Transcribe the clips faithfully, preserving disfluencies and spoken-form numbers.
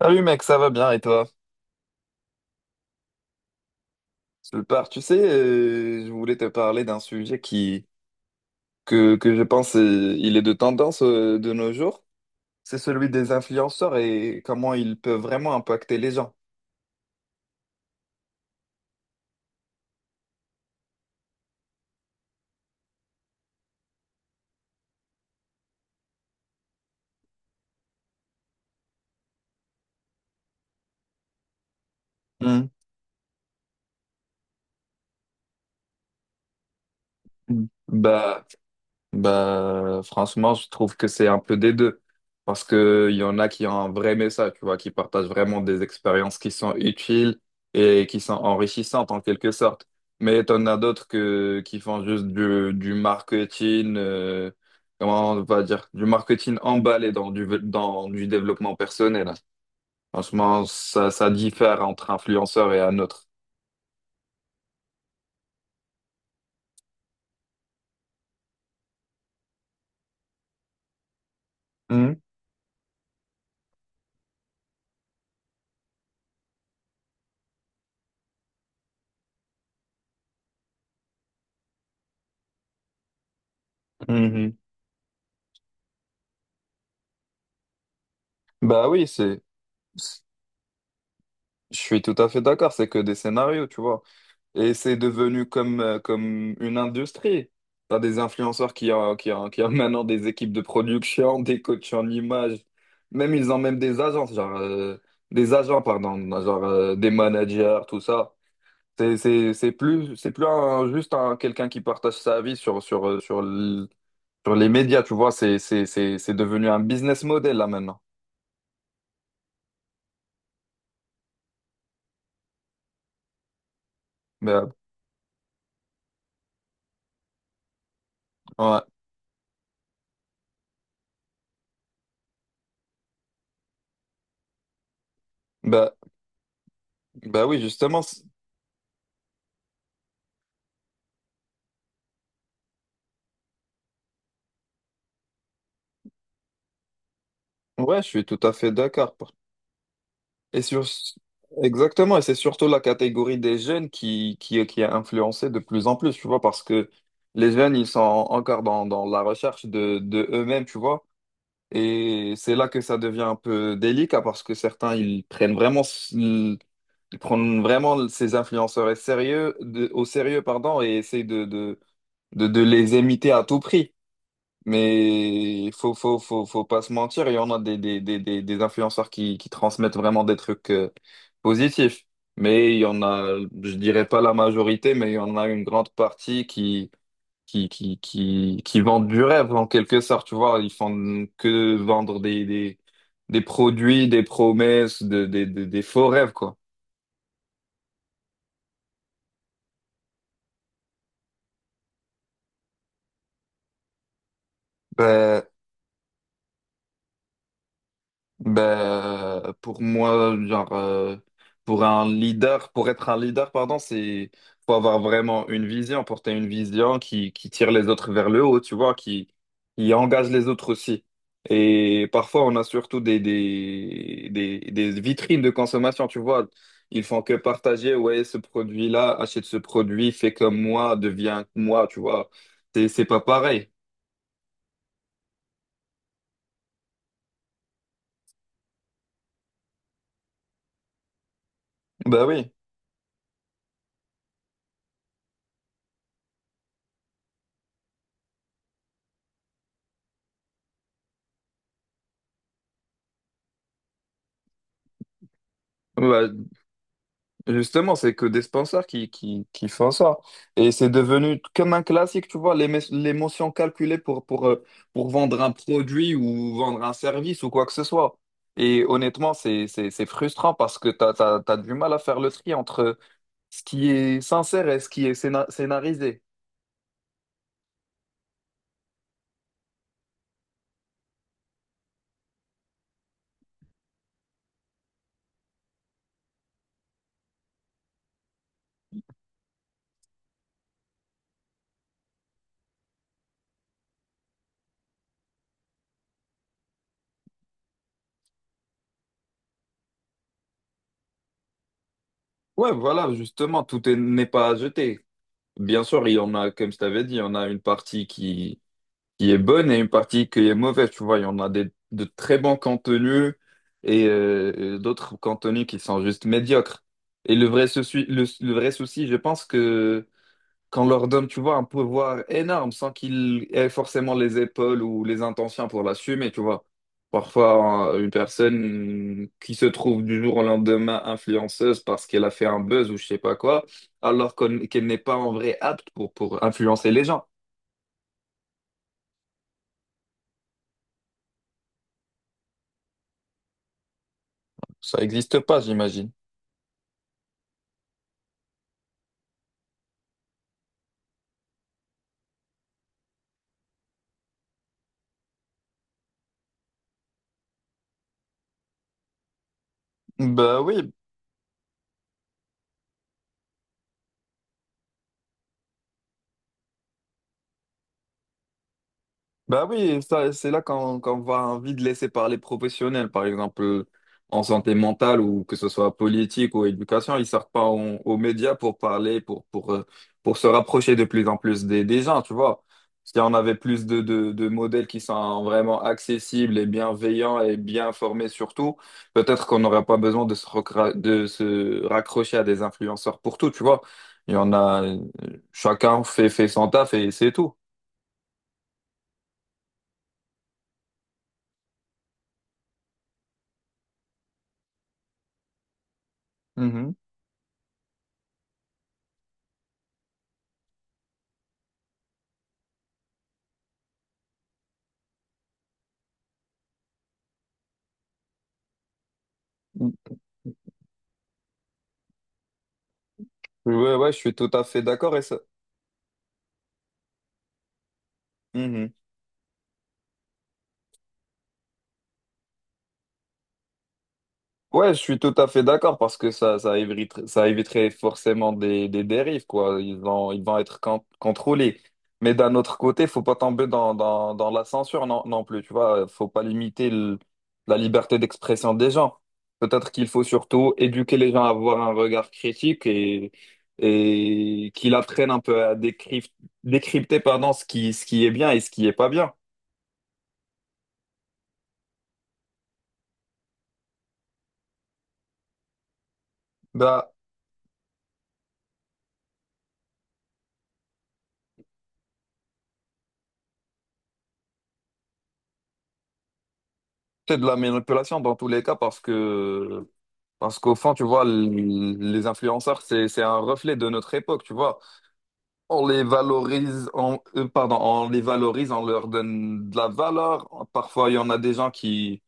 Salut mec, ça va bien et toi? Super. Tu sais, euh, je voulais te parler d'un sujet qui que, que je pense euh, il est de tendance euh, de nos jours. C'est celui des influenceurs et comment ils peuvent vraiment impacter les gens. Hmm. Bah, Bah, franchement, je trouve que c'est un peu des deux. Parce que il y en a qui ont un vrai message, tu vois, qui partagent vraiment des expériences qui sont utiles et qui sont enrichissantes en quelque sorte. Mais t'en as d'autres que, qui font juste du, du marketing, euh, comment on va dire, du marketing emballé dans du, dans du développement personnel. Franchement, ça, ça diffère entre influenceur et un autre. Mhm, mhm. Bah oui, c'est, je suis tout à fait d'accord, c'est que des scénarios, tu vois. Et c'est devenu comme, euh, comme une industrie. T'as des influenceurs qui ont, qui ont, qui ont maintenant des équipes de production, des coachs en image. Même ils ont même des agences, genre, euh, des agents, pardon, genre, euh, des managers, tout ça. C'est, c'est, c'est plus, c'est plus un- juste un, quelqu'un qui partage sa vie sur, sur, euh, sur, l- sur les médias, tu vois. C'est, c'est, c'est, c'est devenu un business model, là, maintenant. Bah, ouais. Bah, bah oui, justement. c'est- Ouais, je suis tout à fait d'accord. Et sur... Exactement, et c'est surtout la catégorie des jeunes qui, qui, qui est influencée de plus en plus, tu vois, parce que les jeunes, ils sont encore dans, dans la recherche de, de eux-mêmes, tu vois, et c'est là que ça devient un peu délicat, parce que certains, ils prennent vraiment, s- ils prennent vraiment ces influenceurs sérieux, de- au sérieux, pardon, et essayent de, de, de, de les imiter à tout prix. Mais faut, faut, faut, faut pas se mentir, il y en a des, des, des, des, des influenceurs qui, qui transmettent vraiment des trucs euh, positifs. Mais il y en a, je dirais pas la majorité, mais il y en a une grande partie qui, qui, qui, qui, qui vendent du rêve en quelque sorte, tu vois. Ils font que vendre des, des, des produits, des promesses, de, des, des, des faux rêves, quoi. Ben, Ben, pour moi, genre, euh, pour un leader, pour être un leader, pardon, c'est, faut avoir vraiment une vision, porter une vision qui, qui tire les autres vers le haut, tu vois, qui, qui engage les autres aussi. Et parfois, on a surtout des, des, des, des vitrines de consommation, tu vois. Ils font que partager, ouais, ce produit-là, achète ce produit, fais comme moi, deviens moi, tu vois. C'est, c'est pas pareil. Ben oui. Ouais, justement, c'est que des sponsors qui, qui, qui font ça. Et c'est devenu comme un classique, tu vois, l'émo- l'émotion calculée pour, pour, euh, pour vendre un produit ou vendre un service ou quoi que ce soit. Et honnêtement, c'est, c'est, c'est frustrant parce que t'as, t'as, t'as du mal à faire le tri entre ce qui est sincère et ce qui est scéna- scénarisé. Ouais, voilà, justement, tout est- n'est pas à jeter. Bien sûr, il y en a, comme je t'avais dit, il y en a une partie qui est bonne et une partie qui est mauvaise. Tu vois, il y en a des, de très bons contenus et euh, d'autres contenus qui sont juste médiocres. Et le vrai souci, le, le vrai souci, je pense que qu'on leur donne, tu vois, un pouvoir énorme sans qu'ils aient forcément les épaules ou les intentions pour l'assumer, tu vois. Parfois, euh, une personne qui se trouve du jour au lendemain influenceuse parce qu'elle a fait un buzz ou je sais pas quoi, alors qu'on- qu'elle n'est pas en vrai apte pour, pour influencer les gens. Ça n'existe pas, j'imagine. Bah oui, bah oui, ça c'est là qu'on qu'on va envie de laisser parler professionnels, par exemple euh, en santé mentale ou que ce soit politique ou éducation, ils sortent pas en- aux médias pour parler, pour pour euh, pour se rapprocher de plus en plus des, des gens, tu vois. Si on avait plus de, de, de modèles qui sont vraiment accessibles et bienveillants et bien formés surtout, peut-être qu'on n'aurait pas besoin de se, recra- de se raccrocher à des influenceurs pour tout, tu vois. Il y en a, chacun fait, fait son taf et c'est tout. Mm. Ouais, ouais, je suis tout à fait d'accord et ça. Mhm. Ouais, je suis tout à fait d'accord parce que ça, ça éviterait, ça éviterait forcément des, des dérives, quoi. Ils vont, ils vont être con- contrôlés. Mais d'un autre côté, faut pas tomber dans, dans, dans la censure non, non plus, tu vois. Faut pas limiter le- la liberté d'expression des gens. Peut-être qu'il faut surtout éduquer les gens à avoir un regard critique et, et qu'ils apprennent un peu à décrypter, décrypter, pardon, ce qui, ce qui est bien et ce qui est pas bien. Bah, C'est de la manipulation dans tous les cas parce que parce qu'au fond, tu vois, l- les influenceurs, c'est c'est un reflet de notre époque, tu vois. On les valorise, on, euh, pardon, on les valorise, on leur donne de la valeur. Parfois, il y en a des gens qui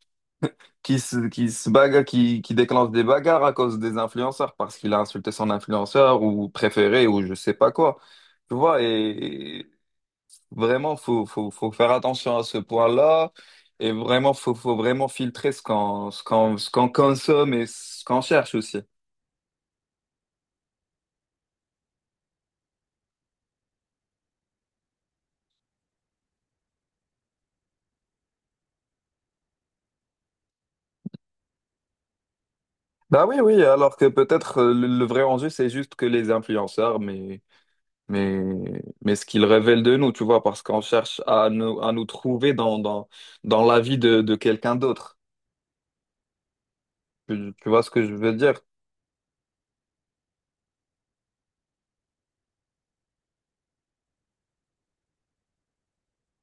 qui se, qui se bagarrent, qui, qui déclenchent des bagarres à cause des influenceurs parce qu'il a insulté son influenceur ou préféré ou je sais pas quoi. Tu vois, et vraiment, faut, faut, faut faire attention à ce point-là. Et vraiment, faut, faut vraiment filtrer ce qu'on, ce qu'on, ce qu'on consomme et ce qu'on cherche aussi. Bah oui, oui, alors que peut-être euh, le, le vrai enjeu, c'est juste que les influenceurs, mais, mais, mais ce qu'ils révèlent de nous, tu vois, parce qu'on cherche à nous, à nous trouver dans, dans, dans la vie de, de quelqu'un d'autre. Tu, tu vois ce que je veux dire?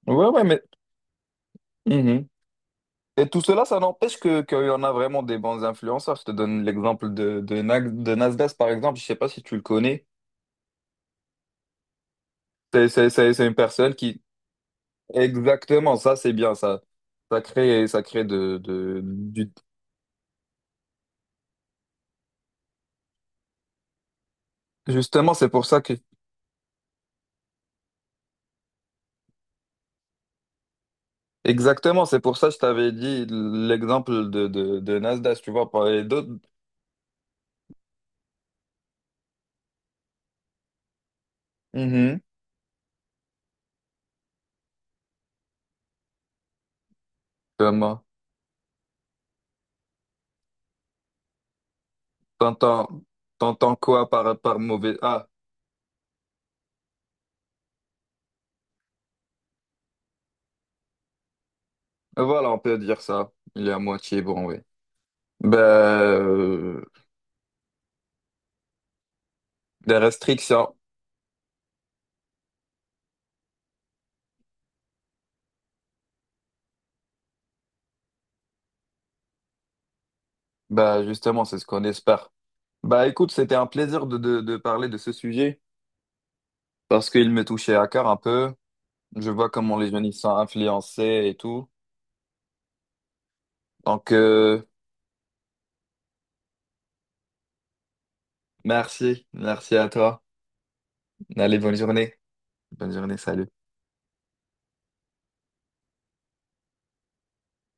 Ouais, ouais, mais. Mhm. Et tout cela, ça n'empêche que qu'il y en a vraiment des bons influenceurs. Je te donne l'exemple de, de, Nag- de Nasdaq, par exemple. Je sais pas si tu le connais. C'est c'est- c'est- c'est une personne qui... Exactement, ça, c'est bien. Ça, ça crée, ça crée de, de, du... Justement, c'est pour ça que... Exactement, c'est pour ça que je t'avais dit l'exemple de, de, de Nasdaq, tu vois, par les d'autres. Mhm. Comment? T'entends, t'entends quoi par, par mauvais... Ah, voilà, on peut dire ça. Il est à moitié bon, oui. Ben... euh, Des restrictions. Bah justement, c'est ce qu'on espère. Bah écoute, c'était un plaisir de, de, de parler de ce sujet parce qu'il me touchait à cœur un peu. Je vois comment les jeunes y sont influencés et tout. Donc euh, merci, merci à toi. Allez, bonne journée. Bonne journée, salut.